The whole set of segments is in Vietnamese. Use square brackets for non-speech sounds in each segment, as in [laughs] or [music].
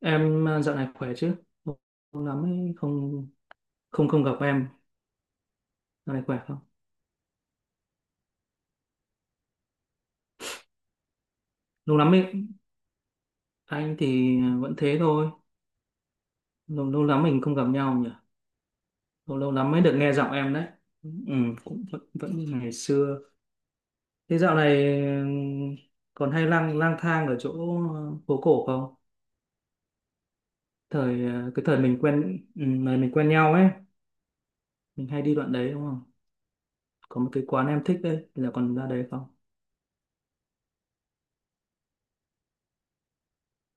Em à, dạo này khỏe chứ? Lâu lắm ấy, không không không gặp em. Dạo này khỏe không? Lâu lắm ấy, anh thì vẫn thế thôi. Lâu, lâu lắm mình không gặp nhau nhỉ? Lâu, lâu lắm mới được nghe giọng em đấy. Ừ, cũng vẫn như ngày xưa. Thế dạo này ừm, còn hay lang lang thang ở chỗ, phố cổ không? Cái thời mình quen, thời mình quen nhau ấy, mình hay đi đoạn đấy đúng không? Có một cái quán em thích đấy, là còn ra đấy không?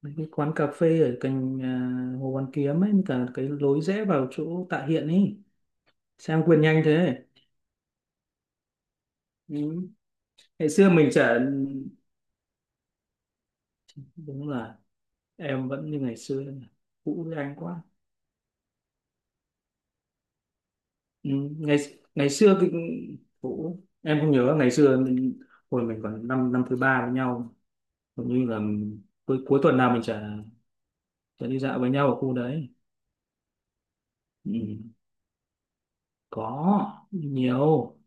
Mấy cái quán cà phê ở cạnh, à, Hồ Hoàn Kiếm ấy, cả cái lối rẽ vào chỗ Tạ Hiện ấy, sang quên nhanh thế. Ừ. Ngày xưa mình chả, đúng là em vẫn như ngày xưa cũ với anh quá. Ừ. ngày ngày xưa cái cũ, em không nhớ ngày xưa mình, hồi mình còn năm năm thứ ba với nhau, hầu như là cuối cuối tuần nào mình chả chả đi dạo với nhau ở khu đấy. Ừ. Có nhiều,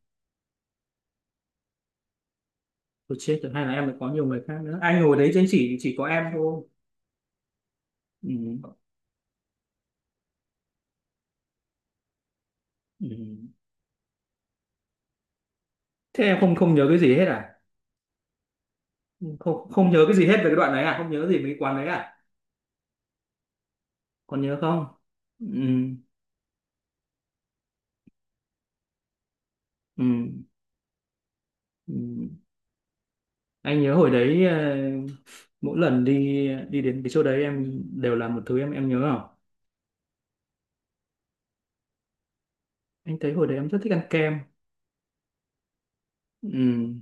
tôi chết rồi hay là em lại có nhiều người khác nữa, anh ngồi đấy chứ chỉ có em thôi. Ừ, ừ. Thế em không không nhớ cái gì hết à? Không không nhớ cái gì hết về cái đoạn đấy à? Không nhớ gì về cái quán đấy à? Còn nhớ không? Ừ, ừ, ừ. Anh nhớ hồi đấy, mỗi lần đi đi đến cái chỗ đấy em đều làm một thứ, em nhớ không? Anh thấy hồi đấy em rất thích ăn kem. Ừ.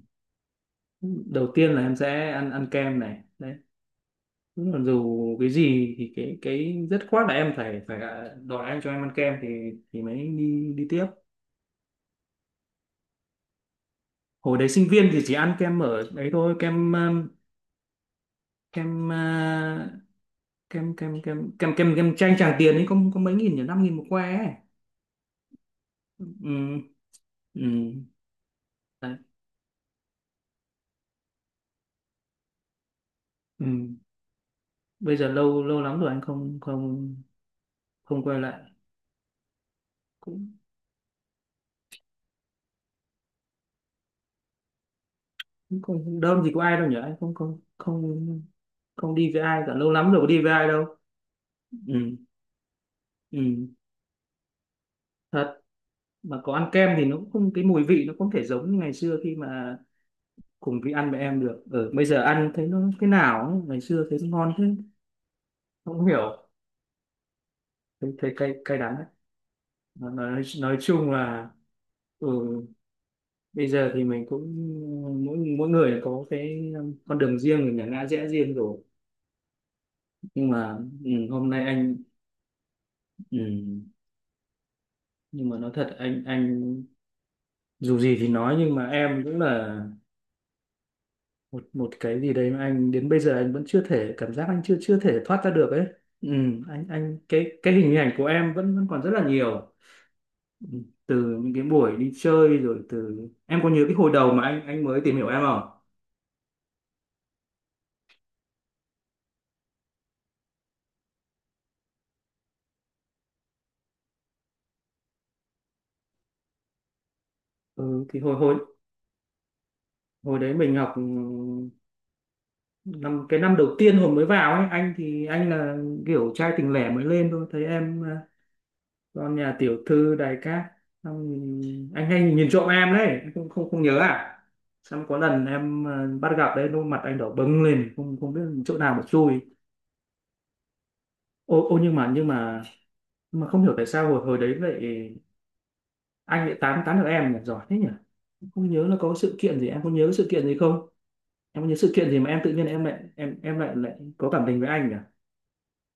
Đầu tiên là em sẽ ăn ăn kem này đấy. Đúng là dù cái gì thì cái dứt khoát là em phải phải đòi anh cho em ăn kem thì mới đi đi tiếp. Hồi đấy sinh viên thì chỉ ăn kem ở đấy thôi. Kem, kem, à, kem kem kem kem kem kem chanh Tràng Tiền ấy, có mấy nghìn nhỉ, 5.000 một que ấy. Ừ, ừ, đấy, ừ. Bây giờ lâu lâu lắm rồi anh không không không quay lại. Cũng cũng không đâu, gì có ai đâu nhỉ, anh không không không không đi với ai cả, lâu lắm rồi có đi với ai đâu. Ừ, ừ. Thật, mà có ăn kem thì nó cũng không, cái mùi vị nó không thể giống như ngày xưa khi mà cùng vị ăn với em được. Ở bây giờ ăn thấy nó thế nào ấy. Ngày xưa thấy nó ngon thế, không hiểu, thấy thấy cay cay đắng đấy. Nói chung là, ừ, bây giờ thì mình cũng mỗi mỗi người có cái con đường riêng, mình là ngã rẽ riêng rồi. Nhưng mà, ừ, hôm nay anh, ừ, nhưng mà nói thật anh dù gì thì nói nhưng mà em cũng là một một cái gì đấy mà anh đến bây giờ anh vẫn chưa thể, cảm giác anh chưa chưa thể thoát ra được ấy. Ừ, anh cái hình ảnh của em vẫn vẫn còn rất là nhiều. Từ những cái buổi đi chơi, rồi từ, em có nhớ cái hồi đầu mà anh mới tìm hiểu em không? Ừ, thì hồi hồi hồi đấy mình học, ừ, năm cái năm đầu tiên hồi mới vào ấy, anh thì anh là kiểu trai tình lẻ mới lên thôi, thấy em, à, con nhà tiểu thư đài cát, xong thì anh hay nhìn trộm em đấy, anh không không không nhớ à? Xong có lần em, à, bắt gặp đấy, đôi mặt anh đỏ bừng lên, không không biết chỗ nào mà chui. Ô ô nhưng mà, nhưng mà không hiểu tại sao hồi hồi đấy lại, anh lại tán tán được em nhỉ, giỏi thế nhỉ. Em không nhớ là có sự kiện gì, em có nhớ sự kiện gì không? Em có nhớ sự kiện gì mà em tự nhiên em lại, em lại lại có cảm tình với anh nhỉ?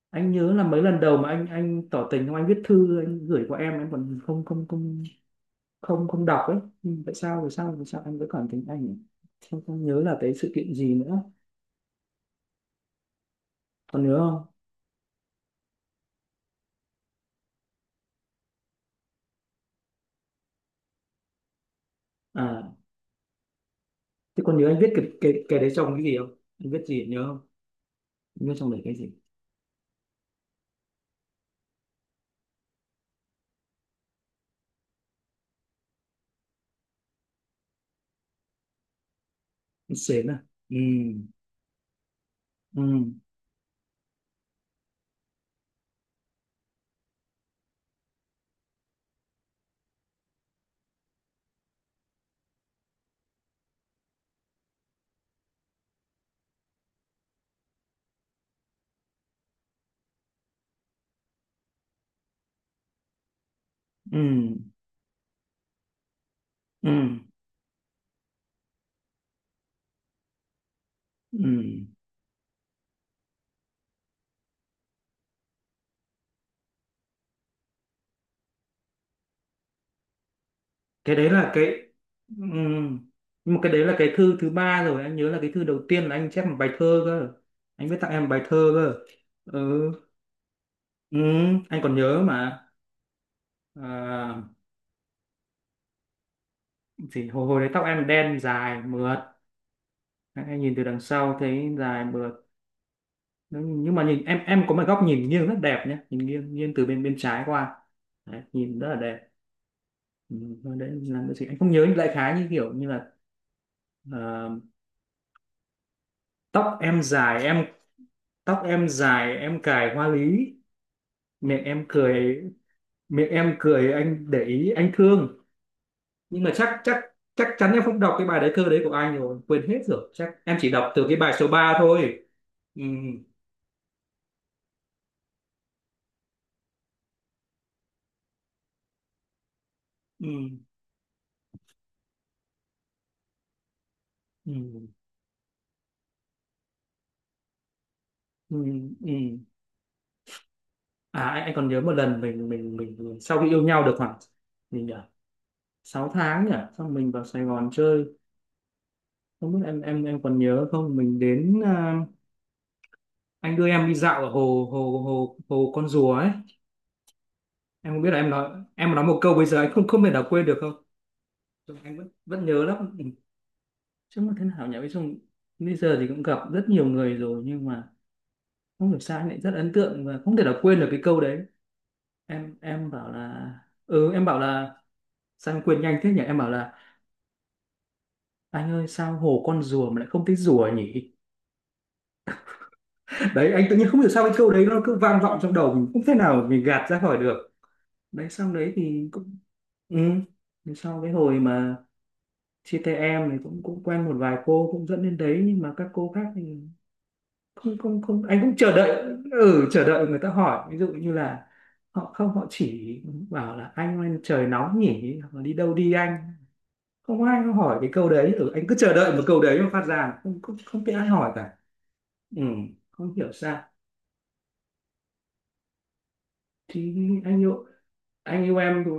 Anh nhớ là mấy lần đầu mà anh tỏ tình không, anh viết thư anh gửi qua em còn không không không đọc ấy. Nhưng tại sao, tại sao anh vẫn cảm tình anh nhỉ? Không nhớ là cái sự kiện gì nữa. Còn nhớ không? à thế còn nhớ anh viết cái đấy trong cái gì không, anh viết gì nhớ không? Anh viết trong đấy cái gì? Anh xến à? Ừ. Ừ. Ừ. Ừ. Ừ. Ừ. Cái đấy là cái, ừm, nhưng mà cái đấy là cái thư thứ ba rồi. Anh nhớ là cái thư đầu tiên là anh chép một bài thơ cơ, anh viết tặng em một bài thơ cơ. Ừ, ừ. Anh còn nhớ mà. À, thì hồi hồi đấy tóc em đen dài mượt, anh nhìn từ đằng sau thấy dài mượt. Nhưng mà nhìn em có một góc nhìn nghiêng rất đẹp nhé, nhìn nghiêng, từ bên bên trái qua, đấy, nhìn rất là đẹp. Ừ, thôi đấy là cái gì anh không nhớ, đại khái như kiểu như là, ờ, tóc em dài em tóc em dài em cài hoa lý, miệng em cười miệng em cười anh để ý anh thương. Nhưng mà chắc chắc chắc chắn em không đọc cái bài đấy, thơ đấy của anh rồi, quên hết rồi, chắc em chỉ đọc từ cái bài số ba thôi. Ừ, ừ, ừ, ừ, ừ. À, anh còn nhớ một lần mình sau khi yêu nhau được khoảng, mình nhỉ, 6 tháng nhỉ, xong mình vào Sài Gòn chơi, không biết em còn nhớ không. Mình đến, à, anh đưa em đi dạo ở hồ hồ hồ hồ con rùa ấy. Em không biết là em nói một câu bây giờ anh không không thể nào quên được không? Trung Anh vẫn vẫn nhớ lắm. Chứ mà thế nào nhỉ, với Trung bây giờ thì cũng gặp rất nhiều người rồi, nhưng mà không hiểu sao anh lại rất ấn tượng và không thể nào quên được cái câu đấy. Em bảo là, ừ, em bảo là, sao em quên nhanh thế nhỉ, em bảo là anh ơi sao hồ con rùa mà lại không thấy rùa nhỉ. Đấy, anh tự nhiên không hiểu sao cái câu đấy nó cứ vang vọng trong đầu mình, không thể nào mình gạt ra khỏi được. Đấy, sau đấy thì cũng, ừ, thì sau cái hồi mà chia tay em thì cũng cũng quen một vài cô, cũng dẫn đến đấy nhưng mà các cô khác thì không không không anh cũng chờ đợi. Ừ, chờ đợi người ta hỏi, ví dụ như là họ không, họ chỉ bảo là anh ơi trời nóng nhỉ, hoặc là đi đâu đi anh. Không ai hỏi cái câu đấy. Ừ, anh cứ chờ đợi một câu đấy mà phát ra, không không không biết ai hỏi cả. Ừ, không hiểu sao, thì anh yêu, anh yêu em thì,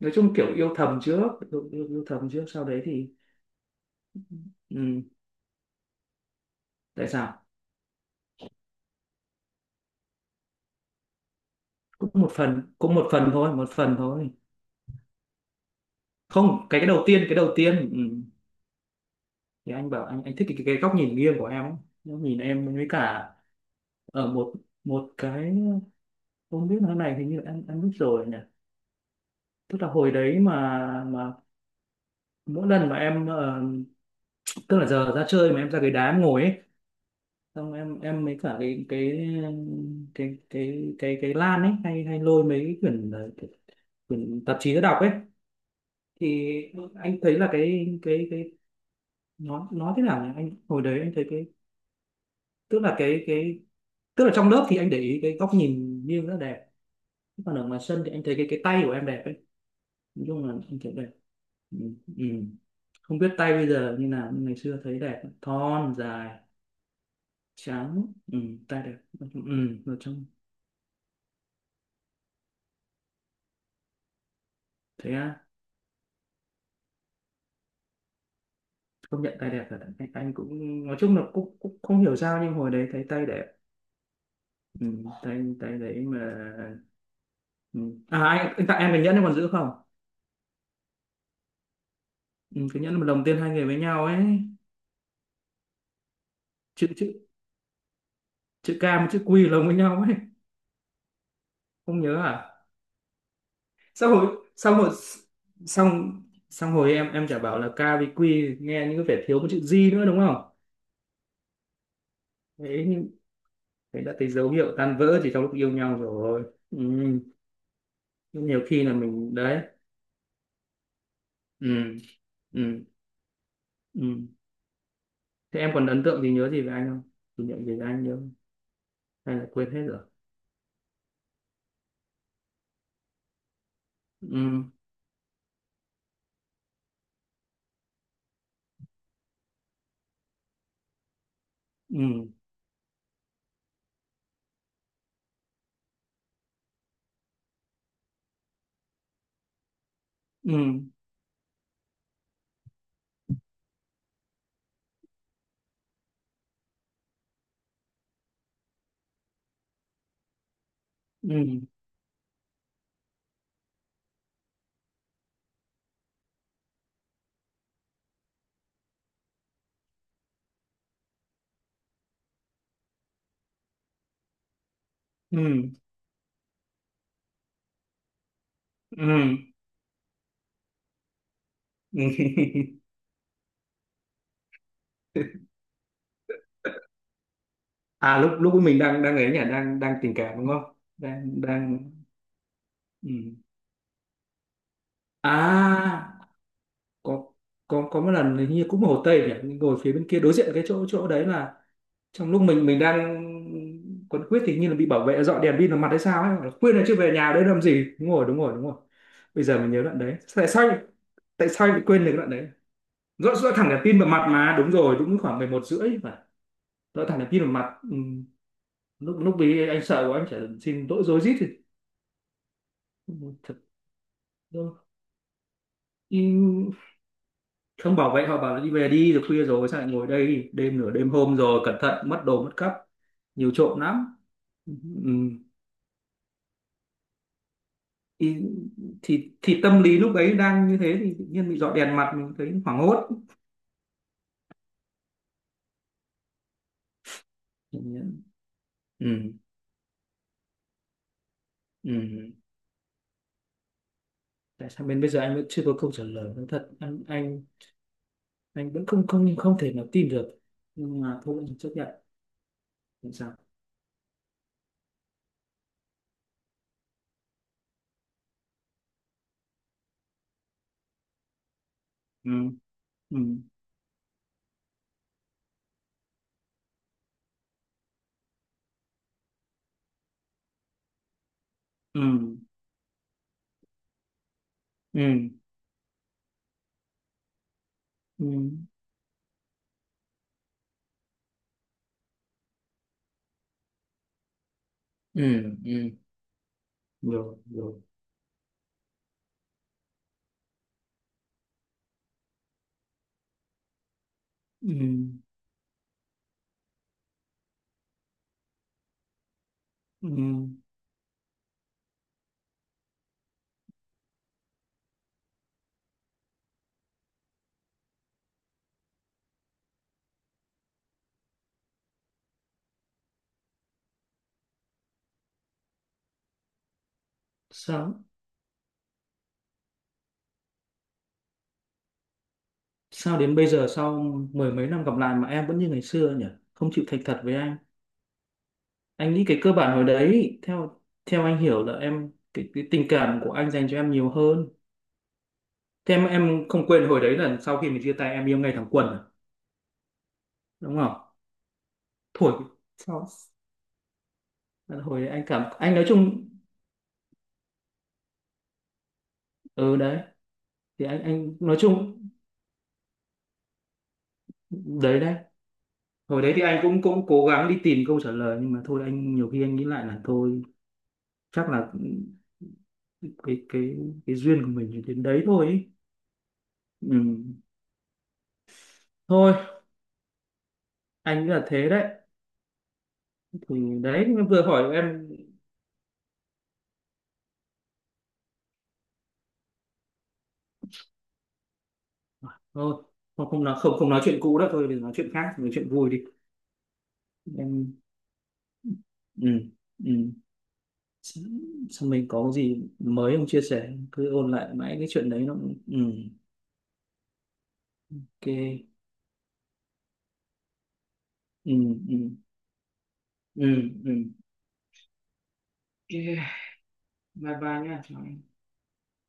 nói chung kiểu yêu thầm trước, yêu thầm trước sau đấy thì, ừ, tại sao. Cũng một phần, cũng một phần thôi, một phần thôi. Không, cái đầu tiên, ừ, thì anh bảo anh thích cái góc nhìn nghiêng của em ấy. Góc nhìn em với cả ở một, một cái, không biết nói này hình như em biết rồi nhỉ. Tức là hồi đấy mà mỗi lần mà em, tức là giờ ra chơi mà em ra cái đá em ngồi ấy, xong em mấy cả cái lan ấy, hay hay lôi mấy cái quyển, quyển tạp chí ra đọc ấy. Thì anh thấy là cái nó thế nào nhỉ, anh hồi đấy anh thấy cái, tức là cái cái tức là trong lớp thì anh để ý cái góc nhìn nghiêng rất là đẹp, còn ở ngoài sân thì anh thấy cái tay của em đẹp ấy, nói chung là anh thấy đẹp. Ừ. Ừ. Không biết tay bây giờ như nào nhưng ngày xưa thấy đẹp thon dài, trắng. Ừ. Tay đẹp. Ừ. Nói chung, thế à, công nhận tay đẹp thật. Anh cũng, nói chung là cũng không hiểu sao nhưng hồi đấy thấy tay đẹp. Ừ. tay tay đấy mà. Ừ. À, anh tặng em cái nhẫn em còn giữ không? Ừ, cái nhẫn mà đồng tiền hai người với nhau ấy. Chữ chữ chữ K với chữ Q lồng với nhau ấy, không nhớ à? xong hồi xong hồi xong, hồi em chả bảo là K với Q nghe như có vẻ thiếu một chữ G nữa đúng không. Đấy nhưng, đấy đã thấy dấu hiệu tan vỡ chỉ trong lúc yêu nhau rồi. Ừ, nhưng nhiều khi là mình đấy. Ừ. Ừ. Ừ. Thế em còn ấn tượng gì, nhớ gì về anh không, kỷ niệm gì về anh nhớ không? Hay là quên hết rồi? Ừ. Ừ. Ừ. Ừ. Ừ. Ừ. Ừ. [laughs] Lúc lúc mình đang, ấy nhỉ, đang đang tình cảm đúng không, đang, ừ. À, có có một lần hình như cũng Hồ Tây nhỉ, ngồi phía bên kia đối diện cái chỗ chỗ đấy là, trong lúc mình đang quấn quýt thì hình như là bị bảo vệ dọn đèn pin vào mặt hay sao ấy, bảo là, khuyên là chưa về nhà đấy làm gì, đúng rồi, đúng rồi, đúng rồi. Bây giờ mình nhớ đoạn đấy tại sao, tại sao anh lại quên được cái đoạn đấy, dọn dọn thẳng đèn pin vào mặt mà, đúng rồi, đúng, khoảng 11:30 phải, dọn thẳng đèn pin vào mặt. Ừ. lúc lúc ấy anh sợ quá anh chỉ xin lỗi rối rít thì, thật. Ừ. Không, bảo vệ họ bảo là đi về đi rồi, khuya rồi sao lại ngồi đây đêm, nửa đêm hôm rồi cẩn thận mất đồ mất cắp, nhiều trộm lắm. Ừ, thì, thì tâm lý lúc ấy đang như thế thì tự nhiên bị dọi đèn mặt mình thấy hoảng hốt. Ừ. Ừ. Tại sao bên bây giờ anh vẫn chưa có câu trả lời, nói thật anh anh vẫn không không không thể nào tin được, nhưng mà thôi anh chấp nhận, không sao. Ừ. Ừ. Ừ. Ừ. Ừ. Ừ. Ừ. Rồi, rồi. Ừ. Ừ. sao sao đến bây giờ sau mười mấy năm gặp lại mà em vẫn như ngày xưa nhỉ, không chịu thành thật với anh. Anh nghĩ cái cơ bản hồi đấy theo, theo anh hiểu là em, cái tình cảm của anh dành cho em nhiều hơn. Thế em không quên hồi đấy là sau khi mình chia tay em yêu ngay thẳng quần à? Đúng không? Thổi. Sao hồi đấy anh cảm anh nói chung. Ừ. Đấy thì anh nói chung, đấy đấy. Hồi đấy thì anh cũng cũng cố gắng đi tìm câu trả lời nhưng mà thôi anh nhiều khi anh nghĩ lại là thôi, chắc là cái cái cái duyên của mình đến đấy thôi ý. Ừ. Thôi anh nghĩ là thế đấy, thì, đấy, em vừa hỏi em. Thôi không không nói không không nói chuyện cũ đó thôi, đừng nói chuyện khác, nói chuyện vui đi em. Ừ. Ừ. Sao sao mình có gì mới không chia sẻ, cứ ôn lại mãi cái chuyện đấy nó cũng- ừ. OK. Ừ. Ừ. Ừ. Ừ. OK. Bye bye nha, chào em.